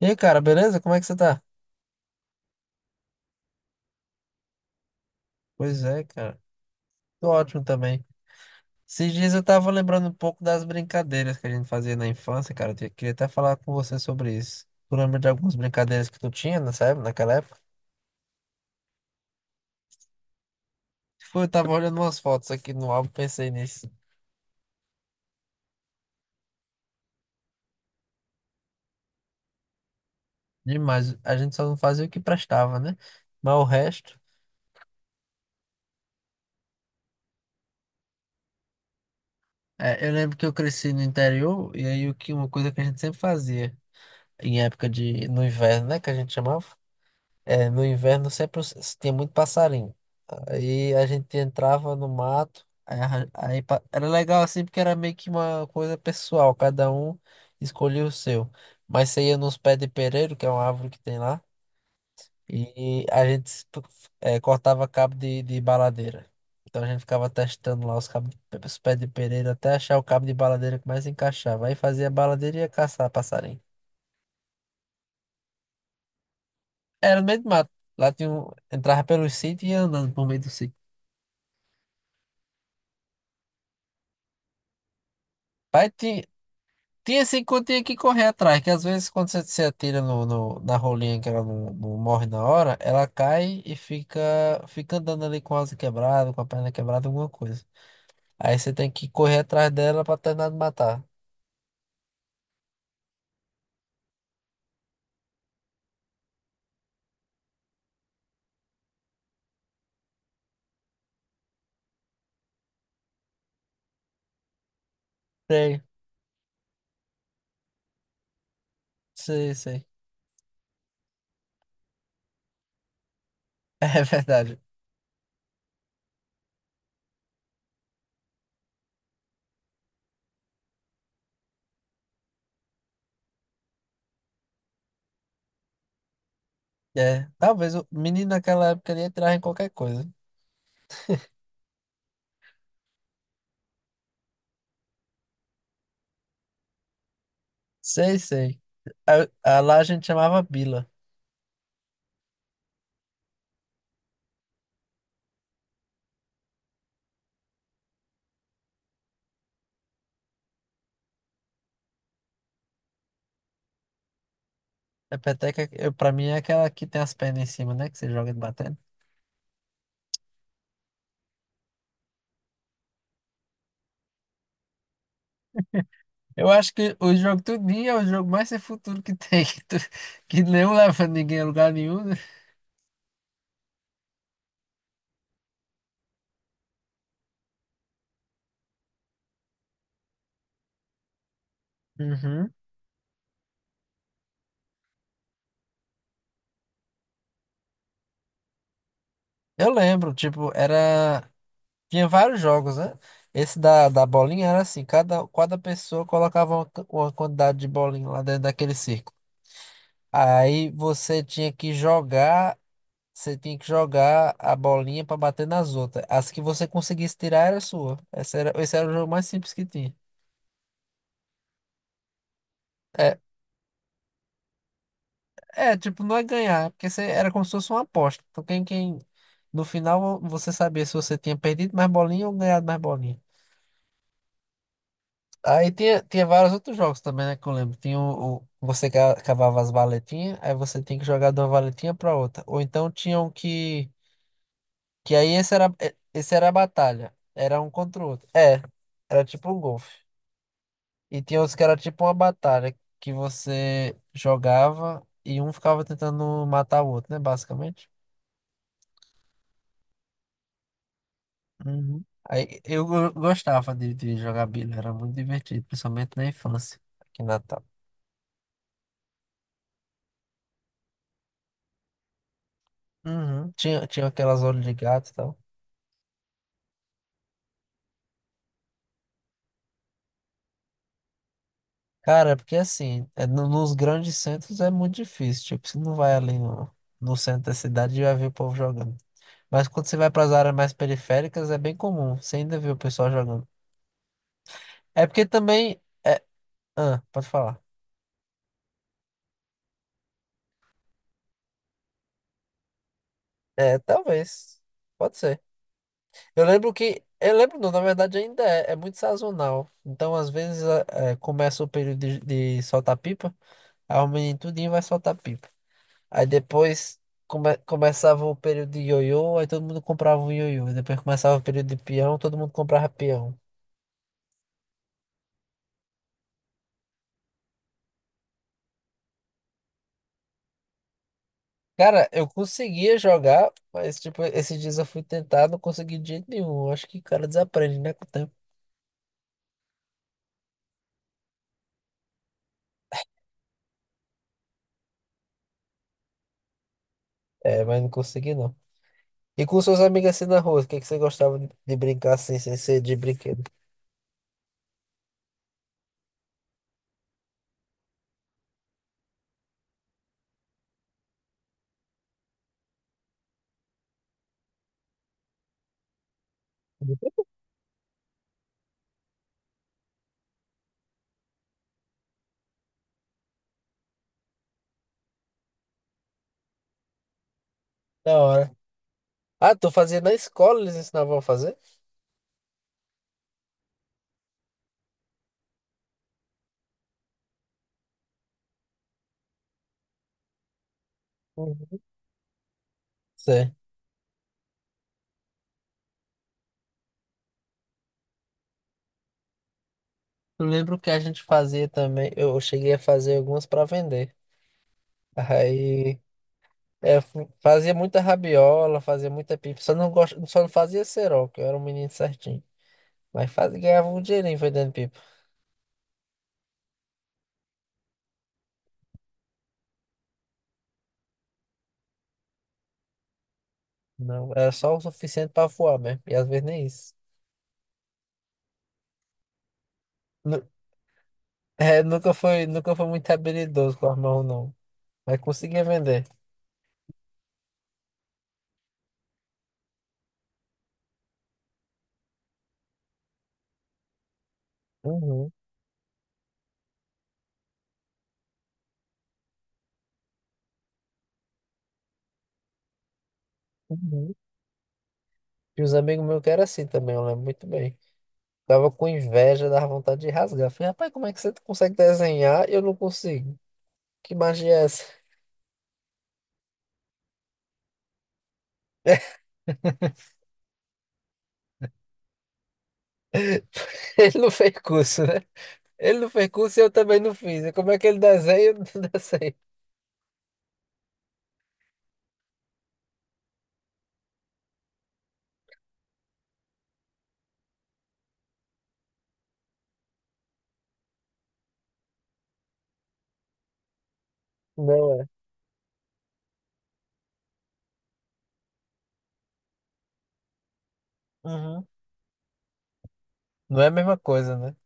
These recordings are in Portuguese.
E aí, cara, beleza? Como é que você tá? Pois é, cara. Tô ótimo também. Esses dias eu tava lembrando um pouco das brincadeiras que a gente fazia na infância, cara. Queria até falar com você sobre isso. Tu lembra de algumas brincadeiras que tu tinha nessa época, naquela época? Foi, eu tava olhando umas fotos aqui no álbum, pensei nisso. Demais. A gente só não fazia o que prestava, né? Mas o resto. É, eu lembro que eu cresci no interior, e aí o que, uma coisa que a gente sempre fazia, em época de, no inverno, né? Que a gente chamava. É, no inverno sempre tinha muito passarinho. Aí a gente entrava no mato, aí, era legal assim porque era meio que uma coisa pessoal, cada um escolhia o seu. Mas você ia nos pés de pereiro, que é uma árvore que tem lá, e a gente cortava cabo de baladeira. Então a gente ficava testando lá os pés de pereiro até achar o cabo de baladeira que mais encaixava. Aí fazia baladeira e ia caçar passarinho. Era no meio do mato. Lá tinha um, entrava pelos sítios e ia andando por meio do sítio. Vai ter, tem esse encontrinho que correr atrás, que às vezes quando você se atira no, na rolinha que ela não morre na hora, ela cai e fica, fica andando ali com a asa quebrada, com a perna quebrada, alguma coisa. Aí você tem que correr atrás dela pra terminar de matar. Sei, sei, sei. É verdade. É, talvez o menino naquela época ali entrava em qualquer coisa. Sei, sei. A lá a gente chamava Bila. A peteca, eu, pra mim, é aquela que tem as pernas em cima, né? Que você joga de batendo. Eu acho que o jogo Tudinho é o jogo mais sem futuro que tem, que não leva ninguém a lugar nenhum, né? Uhum. Eu lembro, tipo, era. Tinha vários jogos, né? Esse da bolinha era assim, cada pessoa colocava uma quantidade de bolinha lá dentro daquele círculo. Aí você tinha que jogar a bolinha pra bater nas outras. As que você conseguisse tirar era sua. Esse era o jogo mais simples que tinha. É, é, tipo, não é ganhar, é porque você, era como se fosse uma aposta. Então, quem, no final, você sabia se você tinha perdido mais bolinha ou ganhado mais bolinha. Aí tinha vários outros jogos também, né, que eu lembro. Tinha você cavava as valetinhas, aí você tinha que jogar de uma valetinha pra outra. Ou então tinham que aí esse era a batalha, era um contra o outro. É, era tipo um golfe. E tinha outros que era tipo uma batalha, que você jogava e um ficava tentando matar o outro, né, basicamente. Uhum. Aí eu gostava de jogar bilha, era muito divertido, principalmente na infância, aqui em Natal. Uhum. Tinha aquelas olhos de gato e tal. Cara, é porque assim, nos grandes centros é muito difícil. Tipo, você não vai ali no centro da cidade e vai ver o povo jogando. Mas quando você vai para as áreas mais periféricas, é bem comum. Você ainda vê o pessoal jogando. É porque também. É, ah, pode falar. É, talvez. Pode ser. Eu lembro que. Não, na verdade ainda é muito sazonal. Então, às vezes, começa o período de soltar pipa, aí o menino tudinho vai soltar pipa. Aí depois começava o período de ioiô, aí todo mundo comprava um ioiô. Depois começava o período de peão, todo mundo comprava peão. Cara, eu conseguia jogar, mas, tipo, esses dias eu fui tentar, não consegui de jeito nenhum. Eu acho que o cara desaprende, né, com o tempo. É, mas não consegui, não. E com suas amigas assim na rua, o que é que você gostava de brincar assim, sem ser de brinquedo? Da hora. Ah, tu fazia na escola, eles ensinavam a fazer? Uhum. Sei. Eu lembro que a gente fazia também, eu cheguei a fazer algumas para vender. Aí. É, eu fazia muita rabiola, fazia muita pipa. Só não fazia cerol, que eu era um menino certinho. Mas fazia, ganhava um dinheirinho vendendo pipa. Não, era só o suficiente pra voar mesmo. E às vezes nem isso. Nu- nunca foi muito habilidoso com a mão, não. Mas conseguia vender. Uhum, uhum. E os amigos meus que eram assim também, eu lembro muito bem. Tava com inveja, dava vontade de rasgar. Falei, rapaz, como é que você consegue desenhar e eu não consigo? Que magia é essa? Ele não fez curso, né? Ele não fez curso e eu também não fiz. Como é que ele desenha e eu não desenho? Não é. Uhum. Não é a mesma coisa, né?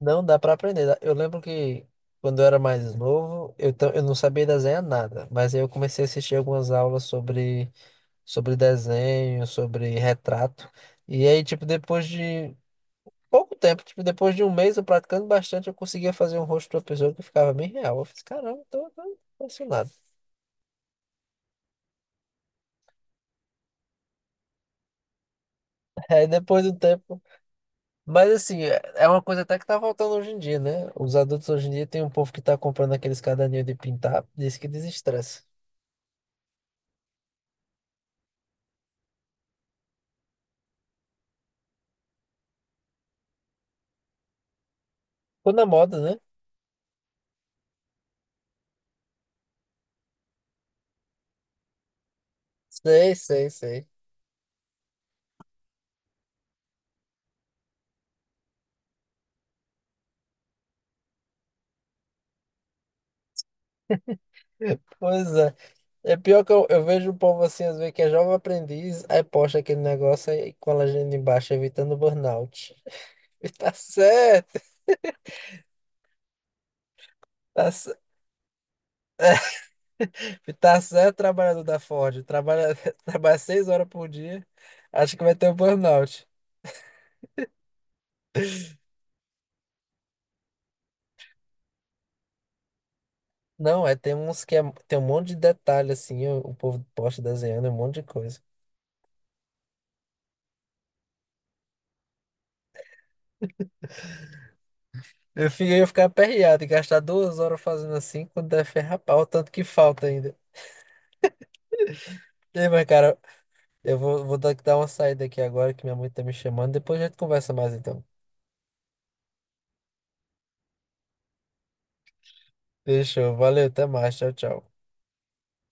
Não dá pra aprender. Eu lembro que quando eu era mais novo, eu não sabia desenhar nada. Mas aí eu comecei a assistir algumas aulas sobre desenho, sobre retrato. E aí, tipo, depois de pouco tempo, tipo, depois de um mês eu praticando bastante, eu conseguia fazer um rosto de uma pessoa que ficava bem real. Eu fiz, caramba, tô impressionado. Aí depois do tempo. Mas assim, é uma coisa até que tá faltando hoje em dia, né? Os adultos hoje em dia tem um povo que tá comprando aqueles caderninhos de pintar, diz que desestressa. Ficou na moda, né? Sei, sei, sei. Pois é. É pior que eu vejo o povo assim, às vezes, que é jovem aprendiz, aí posta aquele negócio aí com a legenda embaixo, evitando burnout. E tá certo, tá, cer- e tá certo, trabalhador da Ford. Trabalha, trabalha 6 horas por dia, acho que vai ter o burnout. Não, é, tem uns que é, tem um monte de detalhe, assim, o povo posta desenhando, um monte de coisa. Eu ficar aperreado e gastar 2 horas fazendo assim, quando der ferrar pau, o tanto que falta ainda. Ei, mas cara, eu vou dar uma saída aqui agora, que minha mãe tá me chamando, depois a gente conversa mais então. Fechou, valeu, até mais, tchau, tchau.